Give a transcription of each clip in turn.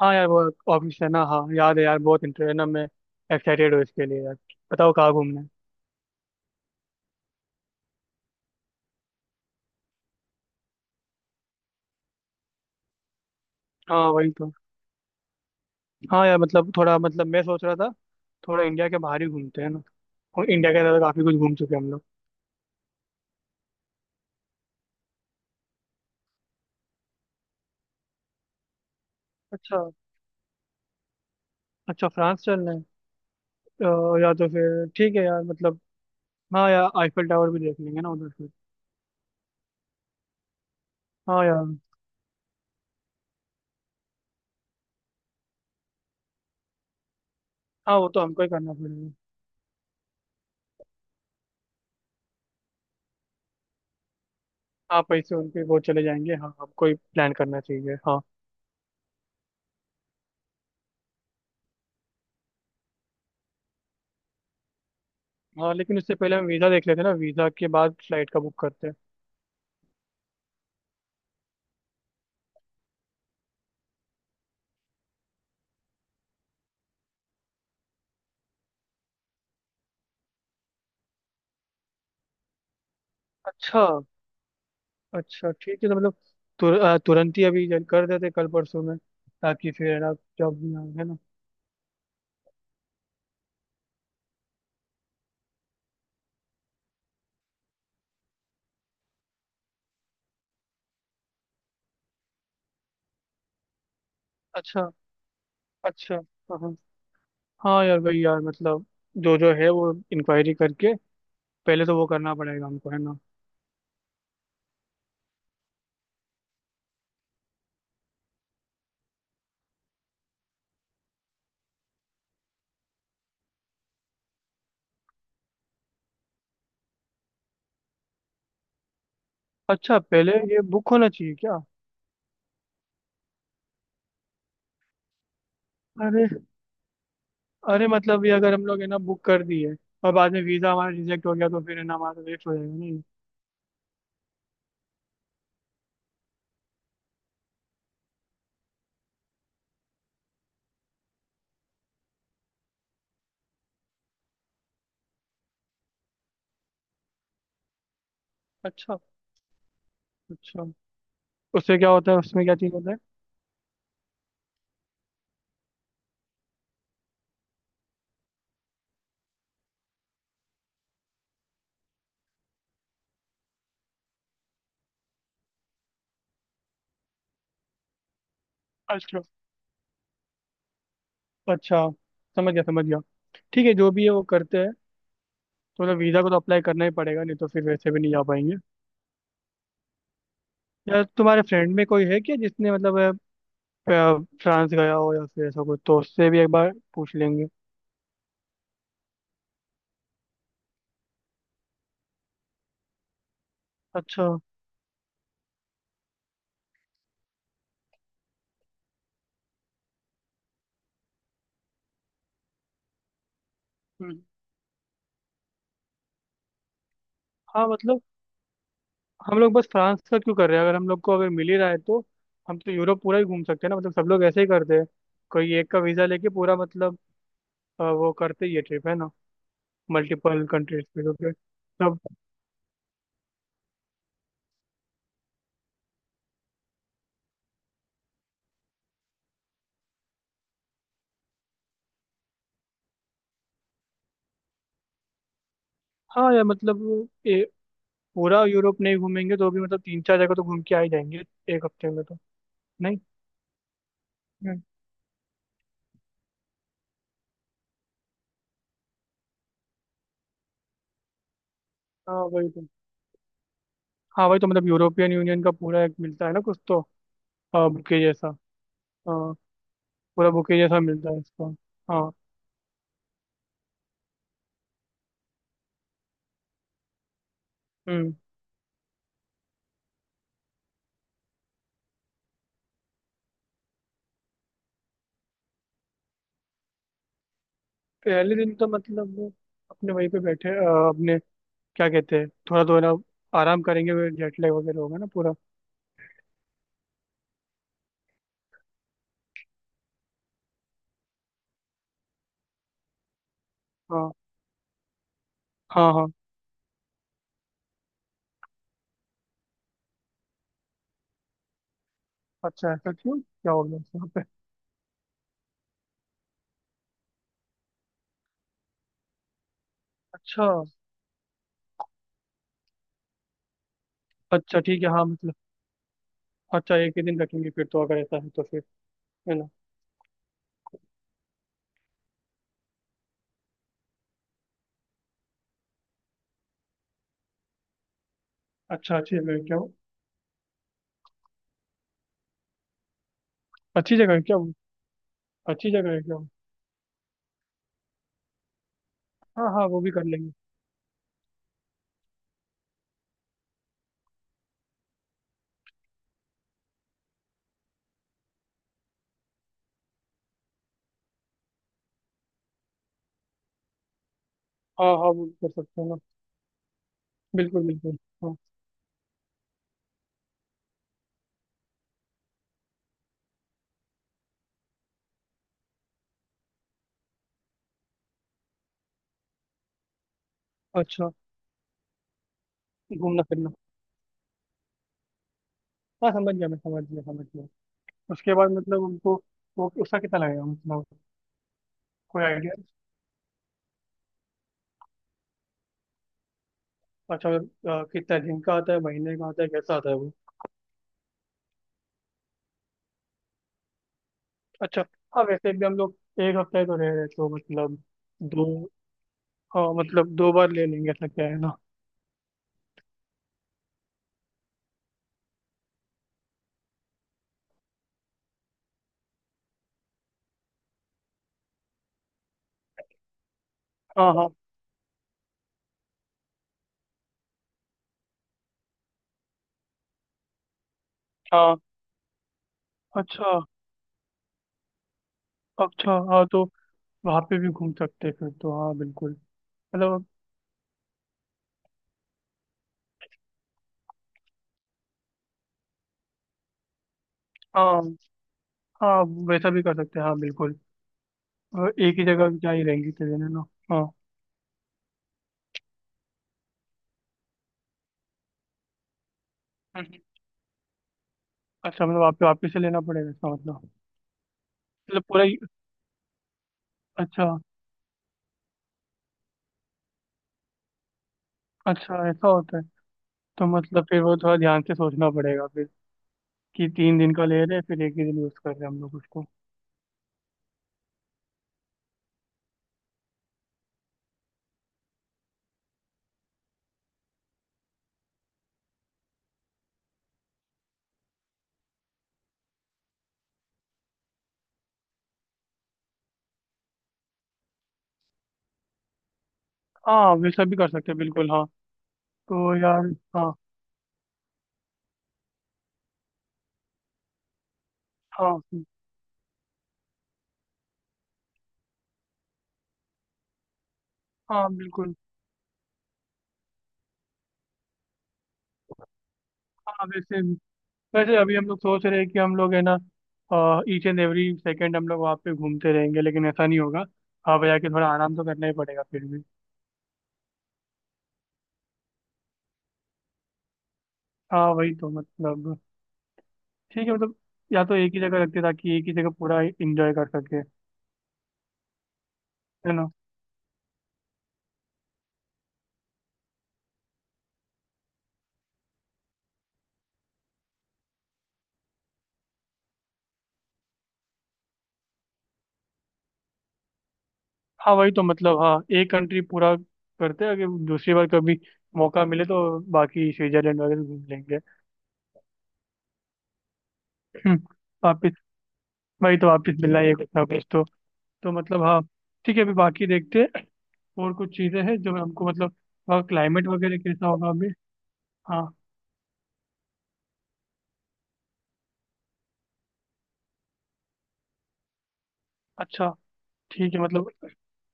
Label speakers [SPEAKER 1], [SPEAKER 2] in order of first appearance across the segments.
[SPEAKER 1] हाँ यार वो ऑफिस है ना। हाँ याद है यार, बहुत इंटरेस्ट है ना। मैं एक्साइटेड हूँ इसके लिए यार। बताओ कहाँ घूमना है। हाँ वही तो। हाँ यार मतलब थोड़ा मतलब मैं सोच रहा था थोड़ा इंडिया के बाहर ही घूमते हैं ना। और इंडिया के अंदर तो काफी कुछ घूम चुके हैं हम लोग। अच्छा। अच्छा, फ्रांस चलना है। अ, या तो फिर ठीक है यार मतलब। हाँ यार, आईफिल टावर भी देख लेंगे ना उधर से। हाँ यार। हाँ वो तो हमको ही करना पड़ेगा। हाँ पैसे उनके वो चले जाएंगे। हाँ हमको ही प्लान करना चाहिए। हाँ। हाँ लेकिन उससे पहले हम वीज़ा देख लेते हैं ना, वीज़ा के बाद फ्लाइट का बुक करते हैं। अच्छा। अच्छा ठीक है, तो मतलब तुरंत ही अभी कर देते कल परसों में, ताकि फिर है ना जॉब ना आए, है ना। अच्छा। अच्छा। हाँ हाँ। हाँ यार, भाई यार, मतलब जो जो है वो इंक्वायरी करके पहले तो वो करना पड़ेगा हमको है ना। अच्छा, पहले ये बुक होना चाहिए क्या? अरे। अरे मतलब ये अगर हम लोग है ना बुक कर दिए और बाद में वीज़ा हमारा रिजेक्ट हो गया, तो फिर है ना हमारा वेस्ट हो जाएगा नहीं? अच्छा। अच्छा, उससे क्या होता है, उसमें क्या चीज़ होता है? अच्छा। अच्छा, समझ गया। ठीक है, जो भी है वो करते हैं। तो मतलब वीज़ा को तो अप्लाई करना ही पड़ेगा, नहीं तो फिर वैसे भी नहीं जा पाएंगे। यार तुम्हारे फ्रेंड में कोई है क्या जिसने मतलब फ्रांस गया हो या फिर ऐसा कुछ, तो उससे भी एक बार पूछ लेंगे। अच्छा। हम्म। हाँ मतलब हम लोग बस फ्रांस का क्यों कर रहे हैं, अगर हम लोग को अगर मिल ही रहा है तो? हम तो यूरोप पूरा ही घूम सकते हैं ना, मतलब सब लोग ऐसे ही करते हैं, कोई एक का वीज़ा लेके पूरा मतलब वो करते ही है ट्रिप है ना, मल्टीपल कंट्रीज पे तो फिर सब। हाँ यार मतलब पूरा यूरोप नहीं घूमेंगे तो भी मतलब तीन चार जगह तो घूम के आ ही जाएंगे एक हफ्ते में तो। नहीं। हाँ वही तो। हाँ वही तो, मतलब यूरोपियन यूनियन का पूरा एक मिलता है ना कुछ तो। हाँ, बुके जैसा। हाँ, पूरा बुके जैसा मिलता है इसका। हाँ। हम्म। पहले दिन तो मतलब वो अपने वहीं पे बैठे अपने क्या कहते हैं थोड़ा तो है ना, आराम करेंगे, जेट लैग वगैरह होगा ना पूरा। हाँ। हाँ। हाँ अच्छा, ऐसा क्यों, क्या हो गया यहाँ पे? अच्छा। अच्छा ठीक है, हाँ मतलब। अच्छा एक ही दिन रखेंगे फिर तो, अगर ऐसा है तो फिर, है ना। अच्छा, अच्छी जगह है क्या वो? अच्छी जगह है क्या वो? अच्छी जगह है क्या वो? हाँ हाँ, वो भी कर लेंगे। हाँ हाँ, वो भी कर सकते हैं ना। बिल्कुल बिल्कुल। हाँ। अच्छा। घूमना फिरना। हाँ समझ गया, मैं समझ गया। उसके बाद मतलब उनको वो उसका कितना लगेगा मतलब? कोई आइडिया? अच्छा। कितना दिन का आता है, महीने का आता है, कैसा आता है वो? अच्छा। हाँ वैसे भी हम लोग एक हफ्ते तो रह रहे हैं, तो मतलब दो। हाँ मतलब दो बार ले लेंगे ऐसा, क्या है ना। हाँ हाँ हाँ। अच्छा। अच्छा हाँ, तो वहाँ पे भी घूम सकते हैं फिर तो, हाँ बिल्कुल, मतलब। हाँ। हाँ वैसा भी कर सकते हैं, हाँ बिल्कुल। एक ही जगह क्या ही रहेंगे इतने दिन, है ना। हाँ। अच्छा मतलब आपको वापिस से लेना पड़ेगा इसका मतलब? मतलब पूरा ही-। अच्छा। अच्छा, ऐसा होता है। तो मतलब फिर वो थोड़ा ध्यान से सोचना पड़ेगा फिर, कि तीन दिन का ले रहे हैं फिर एक ही दिन यूज कर रहे हैं हम लोग उसको। हाँ वैसा भी कर सकते हैं, बिल्कुल हाँ। तो यार। हाँ। हाँ। हाँ बिल्कुल। हाँ वैसे, वैसे अभी हम लोग सोच रहे हैं कि हम लोग है ना ईच एंड एवरी सेकेंड हम लोग वहाँ पे घूमते रहेंगे, लेकिन ऐसा नहीं होगा। वहाँ पे जाके थोड़ा आराम तो करना ही पड़ेगा फिर भी। हाँ वही तो, मतलब ठीक है मतलब, या तो एक ही जगह रखते ताकि एक ही जगह पूरा इंजॉय कर सके, है ना। हाँ वही तो, मतलब हाँ एक कंट्री पूरा करते हैं, अगर दूसरी बार कभी मौका मिले तो बाकी स्विट्जरलैंड वगैरह घूम लेंगे। हम्म। वापिस। वही तो, वापिस मिलना है कुछ ना कुछ तो। तो मतलब हाँ, ठीक है, अभी बाकी देखते हैं। और कुछ चीज़ें हैं जो हमको मतलब वहाँ क्लाइमेट वगैरह कैसा होगा अभी? हाँ। अच्छा ठीक है मतलब।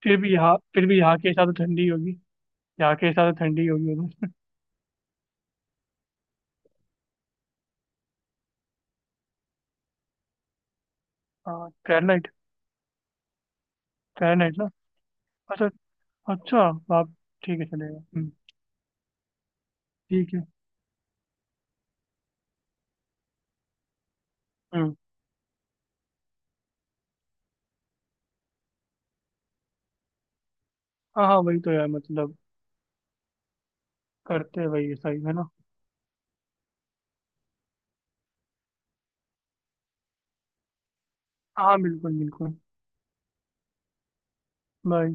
[SPEAKER 1] फिर भी यहाँ के हिसाब से ठंडी होगी यहाँ के हिसाब से ठंडी होगी उधर। हाँ, फ़ारेनहाइट। फ़ारेनहाइट ना? अच्छा। अच्छा। आप। ठीक है, चलेगा। हम्म। ठीक है। हम्म। हाँ हाँ वही तो यार, मतलब करते हैं, वही है सही है ना। हाँ बिल्कुल बिल्कुल। बाय।